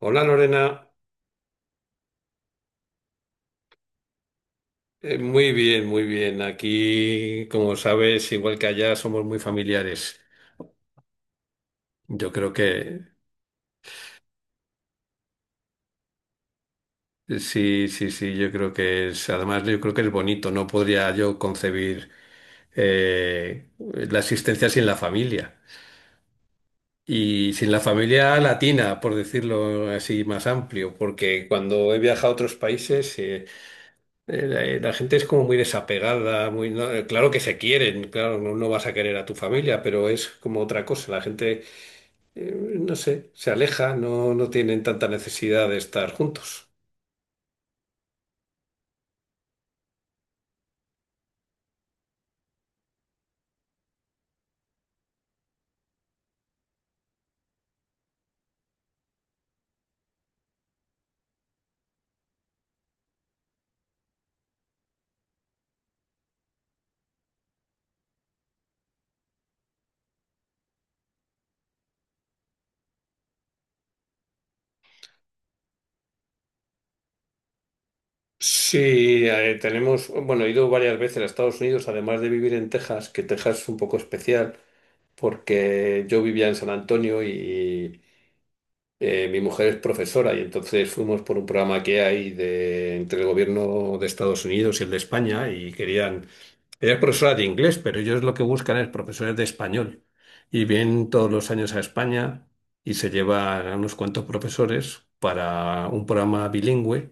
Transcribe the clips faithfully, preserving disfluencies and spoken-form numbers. Hola Lorena. Eh, muy bien, muy bien. Aquí, como sabes, igual que allá, somos muy familiares. Yo creo que eh, sí, sí, sí, yo creo que es, además yo creo que es bonito, no podría yo concebir eh, la existencia sin la familia. Y sin la familia latina, por decirlo así más amplio, porque cuando he viajado a otros países, eh, Eh, La, eh, la gente es como muy desapegada, muy, no- eh, claro que se quieren, claro, no, no vas a querer a tu familia, pero es como otra cosa. La gente, eh, no sé, se aleja, no, no tienen tanta necesidad de estar juntos. Sí, eh, tenemos, bueno, he ido varias veces a Estados Unidos, además de vivir en Texas, que Texas es un poco especial, porque yo vivía en San Antonio y eh, mi mujer es profesora y entonces fuimos por un programa que hay de, entre el gobierno de Estados Unidos y el de España y querían. Ella es profesora de inglés, pero ellos lo que buscan es profesores de español. Y vienen todos los años a España y se llevan a unos cuantos profesores para un programa bilingüe,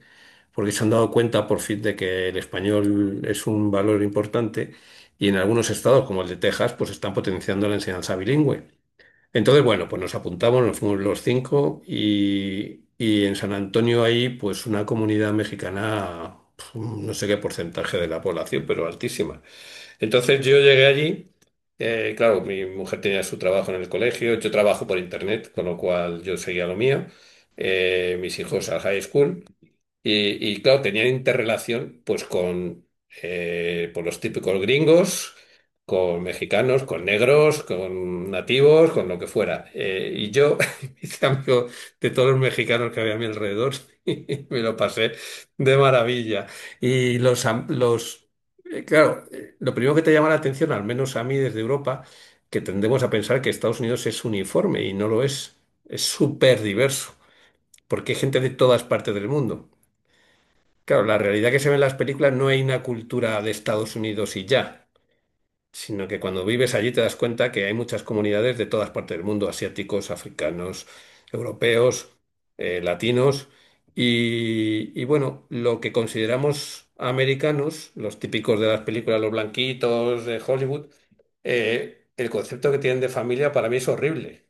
porque se han dado cuenta por fin de que el español es un valor importante y en algunos estados, como el de Texas, pues están potenciando la enseñanza bilingüe. Entonces, bueno, pues nos apuntamos, nos fuimos los cinco y, y en San Antonio hay pues una comunidad mexicana, pf, no sé qué porcentaje de la población, pero altísima. Entonces yo llegué allí, eh, claro, mi mujer tenía su trabajo en el colegio, yo trabajo por internet, con lo cual yo seguía lo mío, eh, mis hijos al high school. Y, y, claro, tenían interrelación pues con eh, pues, los típicos gringos, con mexicanos, con negros, con nativos, con lo que fuera. Eh, y yo me hice amigo de todos los mexicanos que había a mi alrededor y me lo pasé de maravilla. Y los, am- los eh, claro, eh, lo primero que te llama la atención, al menos a mí desde Europa, que tendemos a pensar que Estados Unidos es uniforme y no lo es. Es súper diverso, porque hay gente de todas partes del mundo. Claro, la realidad que se ve en las películas, no hay una cultura de Estados Unidos y ya, sino que cuando vives allí te das cuenta que hay muchas comunidades de todas partes del mundo, asiáticos, africanos, europeos, eh, latinos, y, y bueno, lo que consideramos americanos, los típicos de las películas, los blanquitos de Hollywood. Eh, el concepto que tienen de familia para mí es horrible.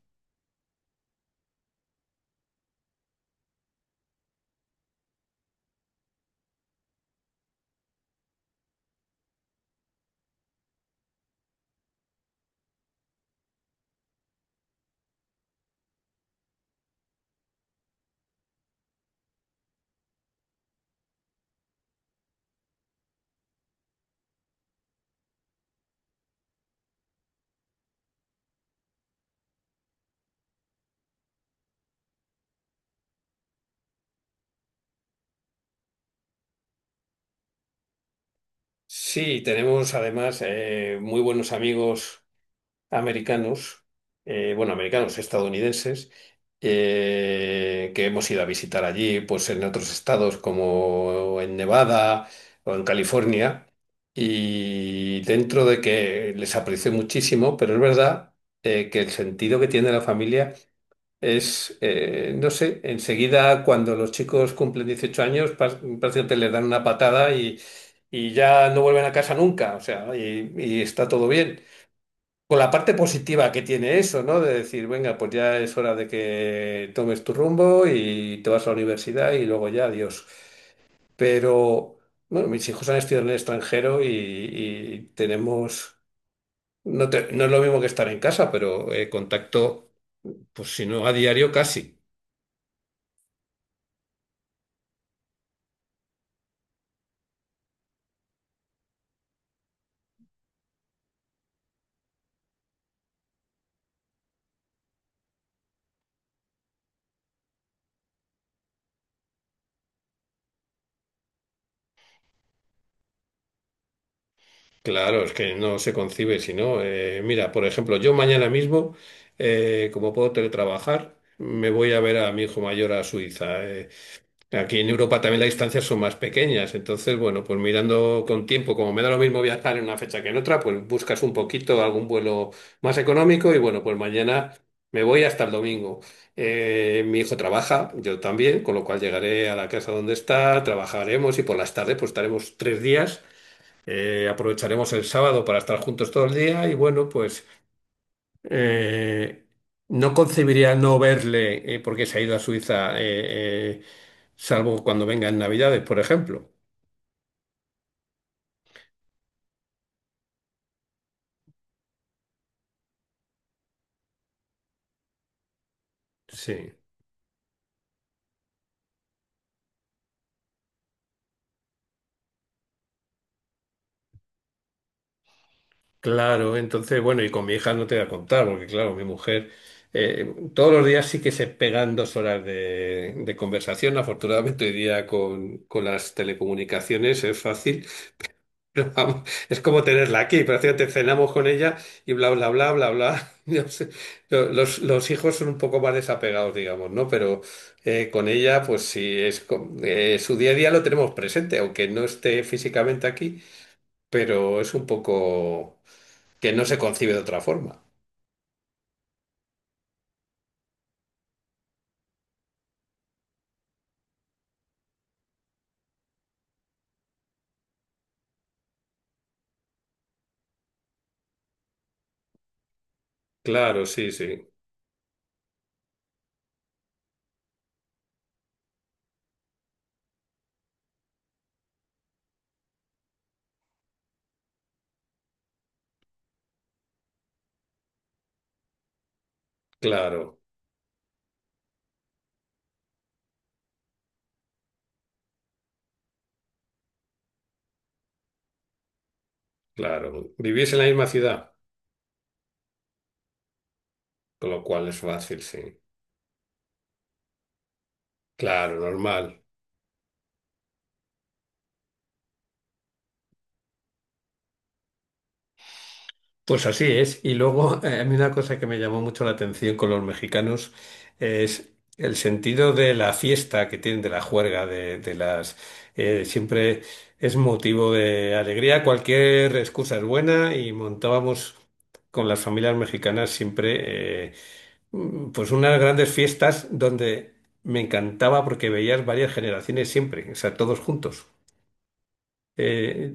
Sí, tenemos además eh, muy buenos amigos americanos. Eh, bueno, americanos, estadounidenses, eh, que hemos ido a visitar allí, pues en otros estados como en Nevada o en California, y dentro de que les aprecio muchísimo, pero es verdad eh, que el sentido que tiene la familia es, eh, no sé, enseguida cuando los chicos cumplen dieciocho años, pas- prácticamente les dan una patada y... y ya no vuelven a casa nunca, o sea, y y está todo bien con la parte positiva que tiene eso, ¿no? De decir, venga, pues ya es hora de que tomes tu rumbo y te vas a la universidad y luego ya, adiós. Pero, bueno, mis hijos han estudiado en el extranjero y, y tenemos, no, te- no es lo mismo que estar en casa, pero eh, contacto, pues si no a diario, casi. Claro, es que no se concibe, si no, eh, mira, por ejemplo, yo mañana mismo, eh, como puedo teletrabajar, me voy a ver a mi hijo mayor a Suiza. eh, Aquí en Europa también las distancias son más pequeñas, entonces, bueno, pues mirando con tiempo, como me da lo mismo viajar en una fecha que en otra, pues buscas un poquito algún vuelo más económico y bueno, pues mañana me voy hasta el domingo. Eh, mi hijo trabaja, yo también, con lo cual llegaré a la casa donde está, trabajaremos y por las tardes pues estaremos tres días, eh, aprovecharemos el sábado para estar juntos todo el día y bueno, pues eh, no concebiría no verle eh, porque se ha ido a Suiza, eh, eh, salvo cuando venga en Navidades, por ejemplo. Sí, claro. Entonces, bueno, y con mi hija no te voy a contar, porque claro, mi mujer eh, todos los días sí que se pegan dos horas de, de conversación. Afortunadamente, hoy día con, con las telecomunicaciones es fácil. Vamos, es como tenerla aquí, prácticamente cenamos con ella y bla, bla, bla, bla, bla. Yo sé, lo- Los, los hijos son un poco más desapegados, digamos, ¿no? Pero eh, con ella, pues sí, es, co- eh, su día a día lo tenemos presente, aunque no esté físicamente aquí, pero es un poco que no se concibe de otra forma. Claro, sí, sí, claro, claro. Vivís en la misma ciudad, con lo cual es fácil, sí. Claro, normal. Pues así es. Y luego, eh, a mí una cosa que me llamó mucho la atención con los mexicanos es el sentido de la fiesta que tienen, de la juerga, de, de las... eh, siempre es motivo de alegría, cualquier excusa es buena y montábamos con las familias mexicanas siempre eh, mm, pues unas grandes fiestas donde me encantaba porque veías varias generaciones siempre, o sea, todos juntos. Eh,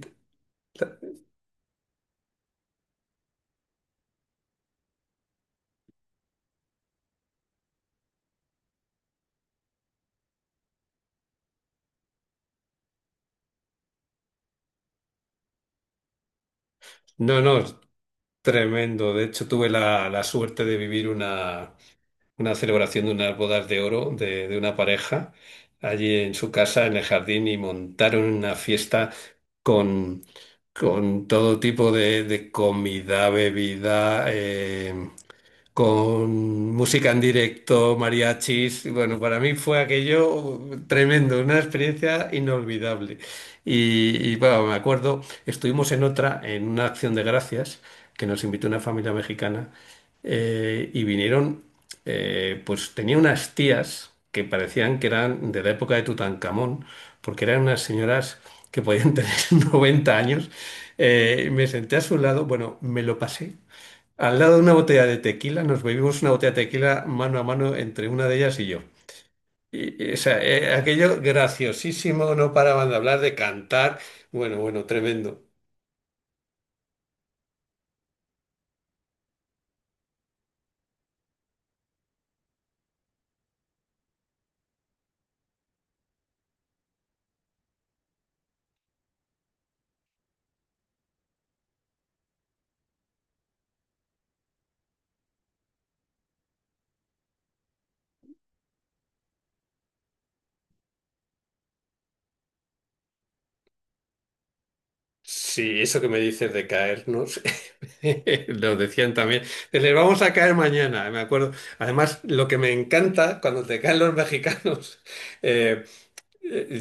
no, no. Tremendo. De hecho, tuve la, la suerte de vivir una, una celebración de unas bodas de oro de, de una pareja allí en su casa, en el jardín, y montaron una fiesta con, con todo tipo de, de comida, bebida. Eh, con música en directo, mariachis. Y bueno, para mí fue aquello tremendo, una experiencia inolvidable. Y, y, bueno, me acuerdo, estuvimos en otra, en una acción de gracias, que nos invitó una familia mexicana, eh, y vinieron, eh, pues tenía unas tías que parecían que eran de la época de Tutankamón, porque eran unas señoras que podían tener noventa años. Eh, me senté a su lado, bueno, me lo pasé al lado de una botella de tequila, nos bebimos una botella de tequila mano a mano entre una de ellas y yo. Y, y, o sea, eh, aquello graciosísimo, no paraban de hablar, de cantar. Bueno, bueno, tremendo. Sí, eso que me dices de caernos, lo decían también. Les vamos a caer mañana, me acuerdo. Además, lo que me encanta cuando te caen los mexicanos, Eh,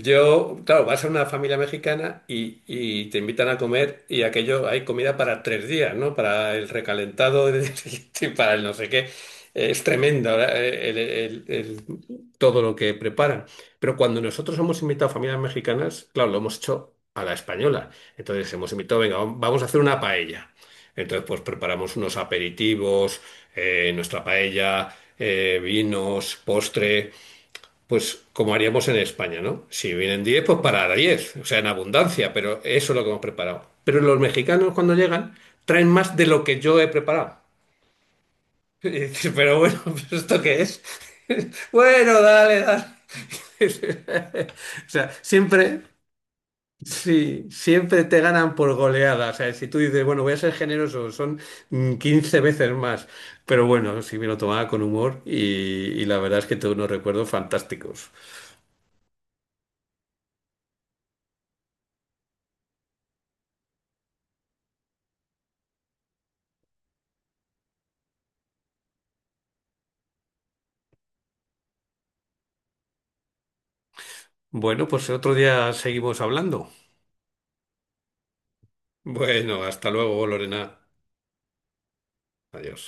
Yo, claro, vas a una familia mexicana y, y te invitan a comer y aquello hay comida para tres días, ¿no? Para el recalentado y para el no sé qué. Eh, Es tremendo ahora, eh, el- el- el- todo lo que preparan. Pero cuando nosotros hemos invitado a familias mexicanas, claro, lo hemos hecho a la española. Entonces hemos invitado, venga, vam- vamos a hacer una paella. Entonces, pues preparamos unos aperitivos, eh, nuestra paella, eh, vinos, postre. Pues como haríamos en España, ¿no? Si vienen diez, pues para diez, o sea, en abundancia, pero eso es lo que hemos preparado. Pero los mexicanos cuando llegan traen más de lo que yo he preparado. Y dices, pero bueno, ¿esto qué es? Bueno, dale, dale. O sea, siempre, sí, siempre te ganan por goleada. O sea, si tú dices, bueno, voy a ser generoso, son mm, quince veces más. Pero bueno, sí me lo tomaba con humor y, y la verdad es que tengo unos recuerdos fantásticos. Bueno, pues otro día seguimos hablando. Bueno, hasta luego, Lorena. Adiós.